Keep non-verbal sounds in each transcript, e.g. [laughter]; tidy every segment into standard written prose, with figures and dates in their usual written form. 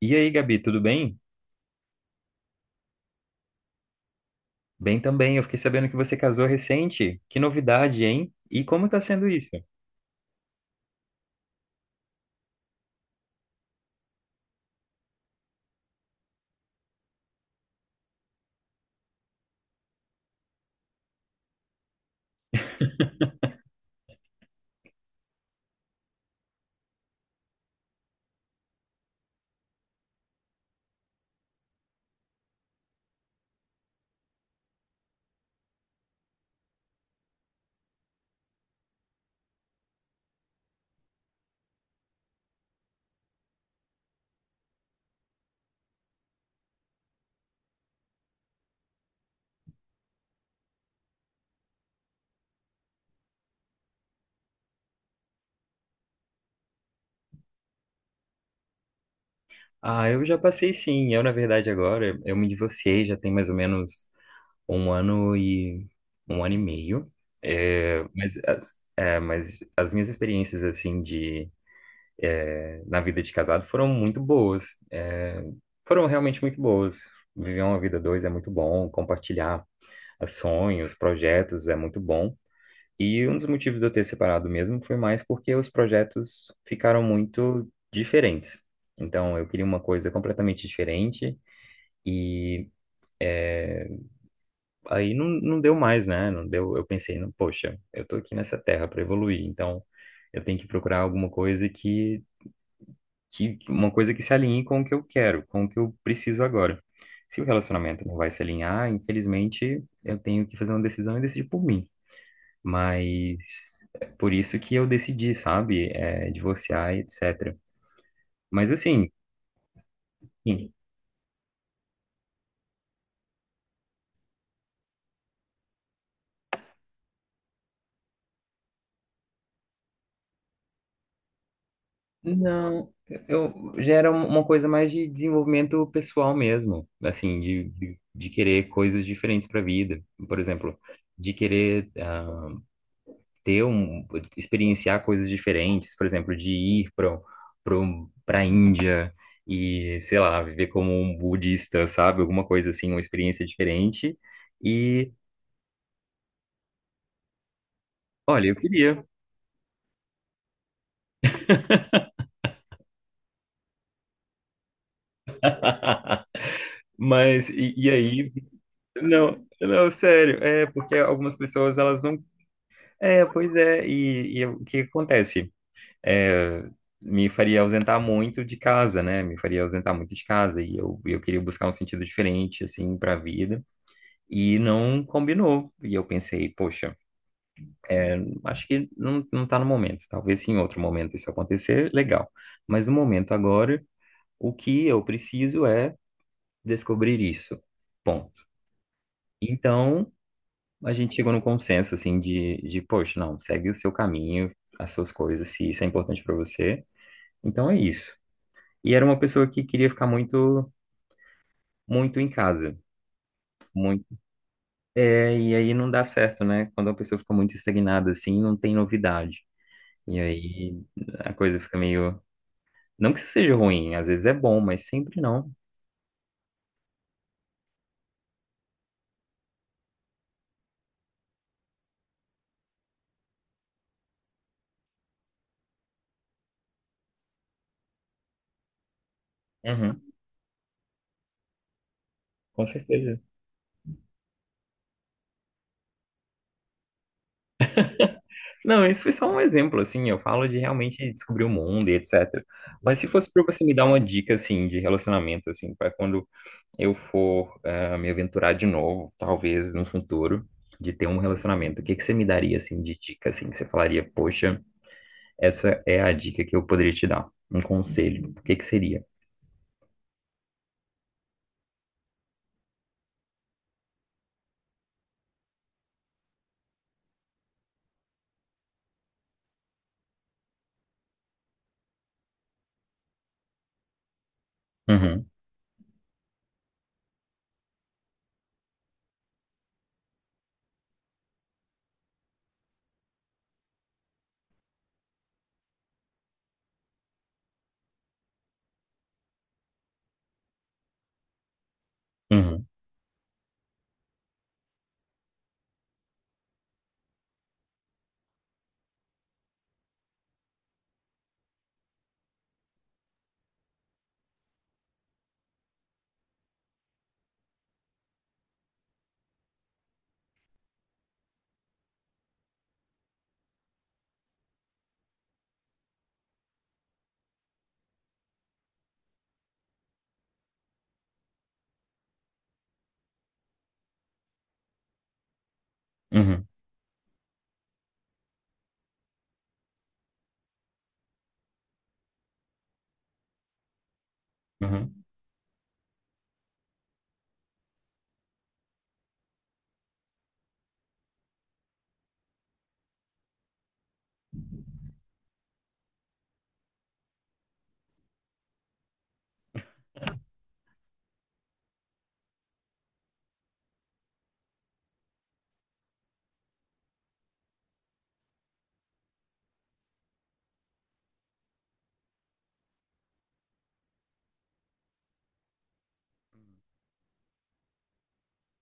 E aí, Gabi, tudo bem? Bem também. Eu fiquei sabendo que você casou recente. Que novidade, hein? E como tá sendo isso? Ah, eu já passei sim. Eu, na verdade, agora, eu me divorciei já tem mais ou menos um ano e um ano e meio. Mas as minhas experiências, assim, de na vida de casado foram muito boas. É, foram realmente muito boas. Viver uma vida a dois é muito bom. Compartilhar sonhos, projetos é muito bom. E um dos motivos de eu ter separado mesmo foi mais porque os projetos ficaram muito diferentes. Então, eu queria uma coisa completamente diferente e aí não deu mais, né? Não deu, eu pensei, não, poxa, eu tô aqui nessa terra para evoluir, então eu tenho que procurar alguma coisa que uma coisa que se alinhe com o que eu quero, com o que eu preciso agora. Se o relacionamento não vai se alinhar, infelizmente, eu tenho que fazer uma decisão e decidir por mim. Mas é por isso que eu decidi, sabe, divorciar, etc. Mas assim, sim, não, eu já era uma coisa mais de desenvolvimento pessoal mesmo, assim, de querer coisas diferentes para a vida, por exemplo, de querer ter experienciar coisas diferentes, por exemplo, de ir para a Índia e, sei lá, viver como um budista, sabe, alguma coisa assim, uma experiência diferente. E Olha, eu queria. [laughs] Mas e aí? Não, não, sério, é porque algumas pessoas elas não. É, pois é, e o que acontece? É, me faria ausentar muito de casa, né? Me faria ausentar muito de casa e eu queria buscar um sentido diferente assim para a vida e não combinou. E eu pensei, poxa, é, acho que não tá no momento. Talvez se em outro momento isso acontecer, legal. Mas no momento agora, o que eu preciso é descobrir isso. Ponto. Então, a gente chegou num consenso, assim, poxa, não, segue o seu caminho, as suas coisas, se isso é importante para você. Então é isso. E era uma pessoa que queria ficar muito, muito em casa, muito. É, e aí não dá certo, né? Quando a pessoa fica muito estagnada, assim, não tem novidade. E aí a coisa fica meio. Não que isso seja ruim, às vezes é bom, mas sempre não. Uhum, com certeza. Não, isso foi só um exemplo, assim, eu falo de realmente descobrir o mundo e etc. Mas se fosse para você me dar uma dica, assim, de relacionamento, assim, para quando eu for me aventurar de novo, talvez no futuro, de ter um relacionamento, o que que você me daria, assim, de dica, assim, que você falaria, poxa, essa é a dica que eu poderia te dar, um conselho, o que que seria? Uhum, uhum, uhum, uhum.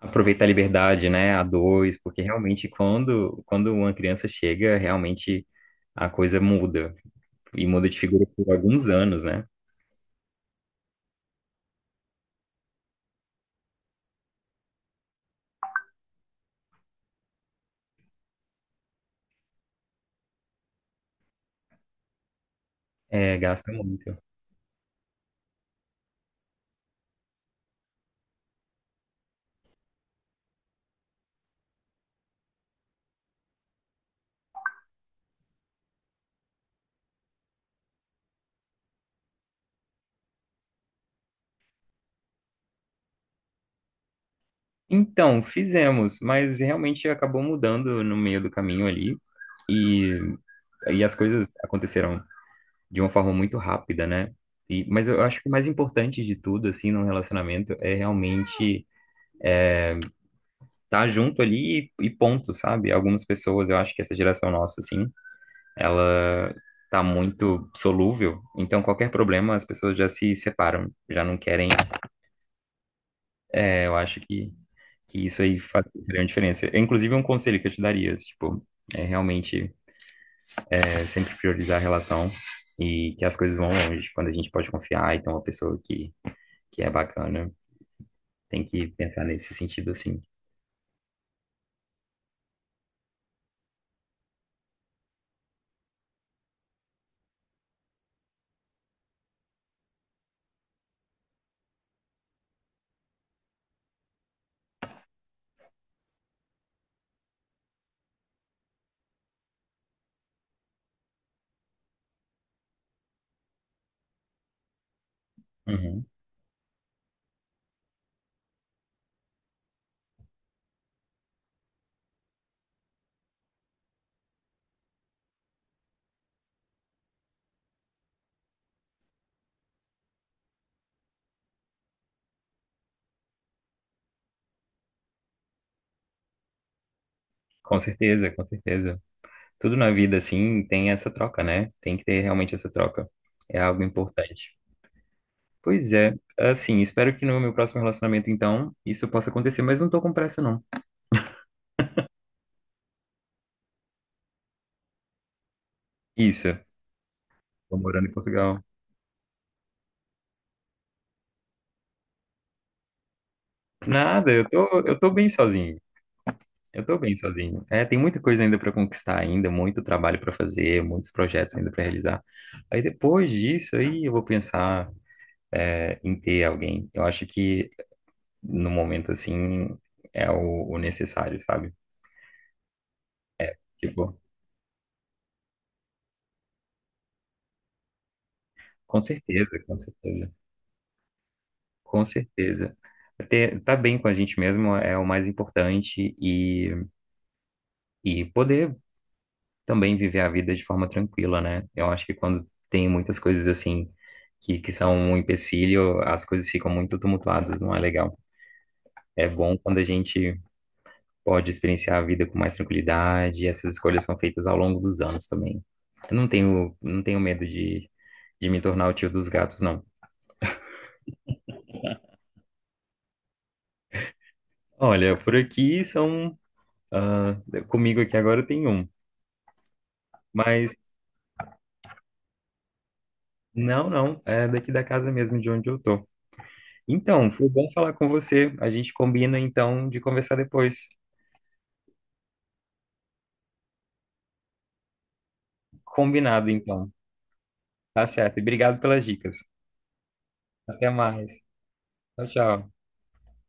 Aproveitar a liberdade, né, a dois, porque realmente quando uma criança chega, realmente a coisa muda. E muda de figura por alguns anos, né? É, gasta muito. Então, fizemos, mas realmente acabou mudando no meio do caminho ali. E, e as coisas aconteceram de uma forma muito rápida, né? E, mas eu acho que o mais importante de tudo, assim, num relacionamento é realmente estar junto ali e ponto, sabe? Algumas pessoas, eu acho que essa geração nossa, assim, ela tá muito solúvel. Então, qualquer problema, as pessoas já se separam, já não querem. É, eu acho que e isso aí faz grande diferença. É, inclusive, um conselho que eu te daria, tipo, é realmente é, sempre priorizar a relação e que as coisas vão longe. Tipo, quando a gente pode confiar, então, uma pessoa que é bacana tem que pensar nesse sentido, assim. Uhum. Com certeza, com certeza. Tudo na vida, assim, tem essa troca, né? Tem que ter realmente essa troca. É algo importante. Pois é, assim, espero que no meu próximo relacionamento, então, isso possa acontecer, mas não tô com pressa, não. Isso, tô morando em Portugal. Nada, eu tô bem sozinho. Eu tô bem sozinho. É, tem muita coisa ainda para conquistar ainda, muito trabalho para fazer, muitos projetos ainda para realizar. Aí depois disso aí eu vou pensar é, em ter alguém. Eu acho que no momento assim é o necessário, sabe? Tipo, com certeza, com certeza, com certeza. Ter, tá bem com a gente mesmo é o mais importante e poder também viver a vida de forma tranquila, né? Eu acho que quando tem muitas coisas assim que são um empecilho, as coisas ficam muito tumultuadas, não é legal. É bom quando a gente pode experienciar a vida com mais tranquilidade, e essas escolhas são feitas ao longo dos anos também. Eu não tenho, não tenho medo de me tornar o tio dos gatos, não. Olha, por aqui são. Ah, comigo aqui agora tem um, mas não, é daqui da casa mesmo de onde eu tô. Então, foi bom falar com você. A gente combina então de conversar depois. Combinado, então. Tá certo. E obrigado pelas dicas. Até mais. Tchau, tchau.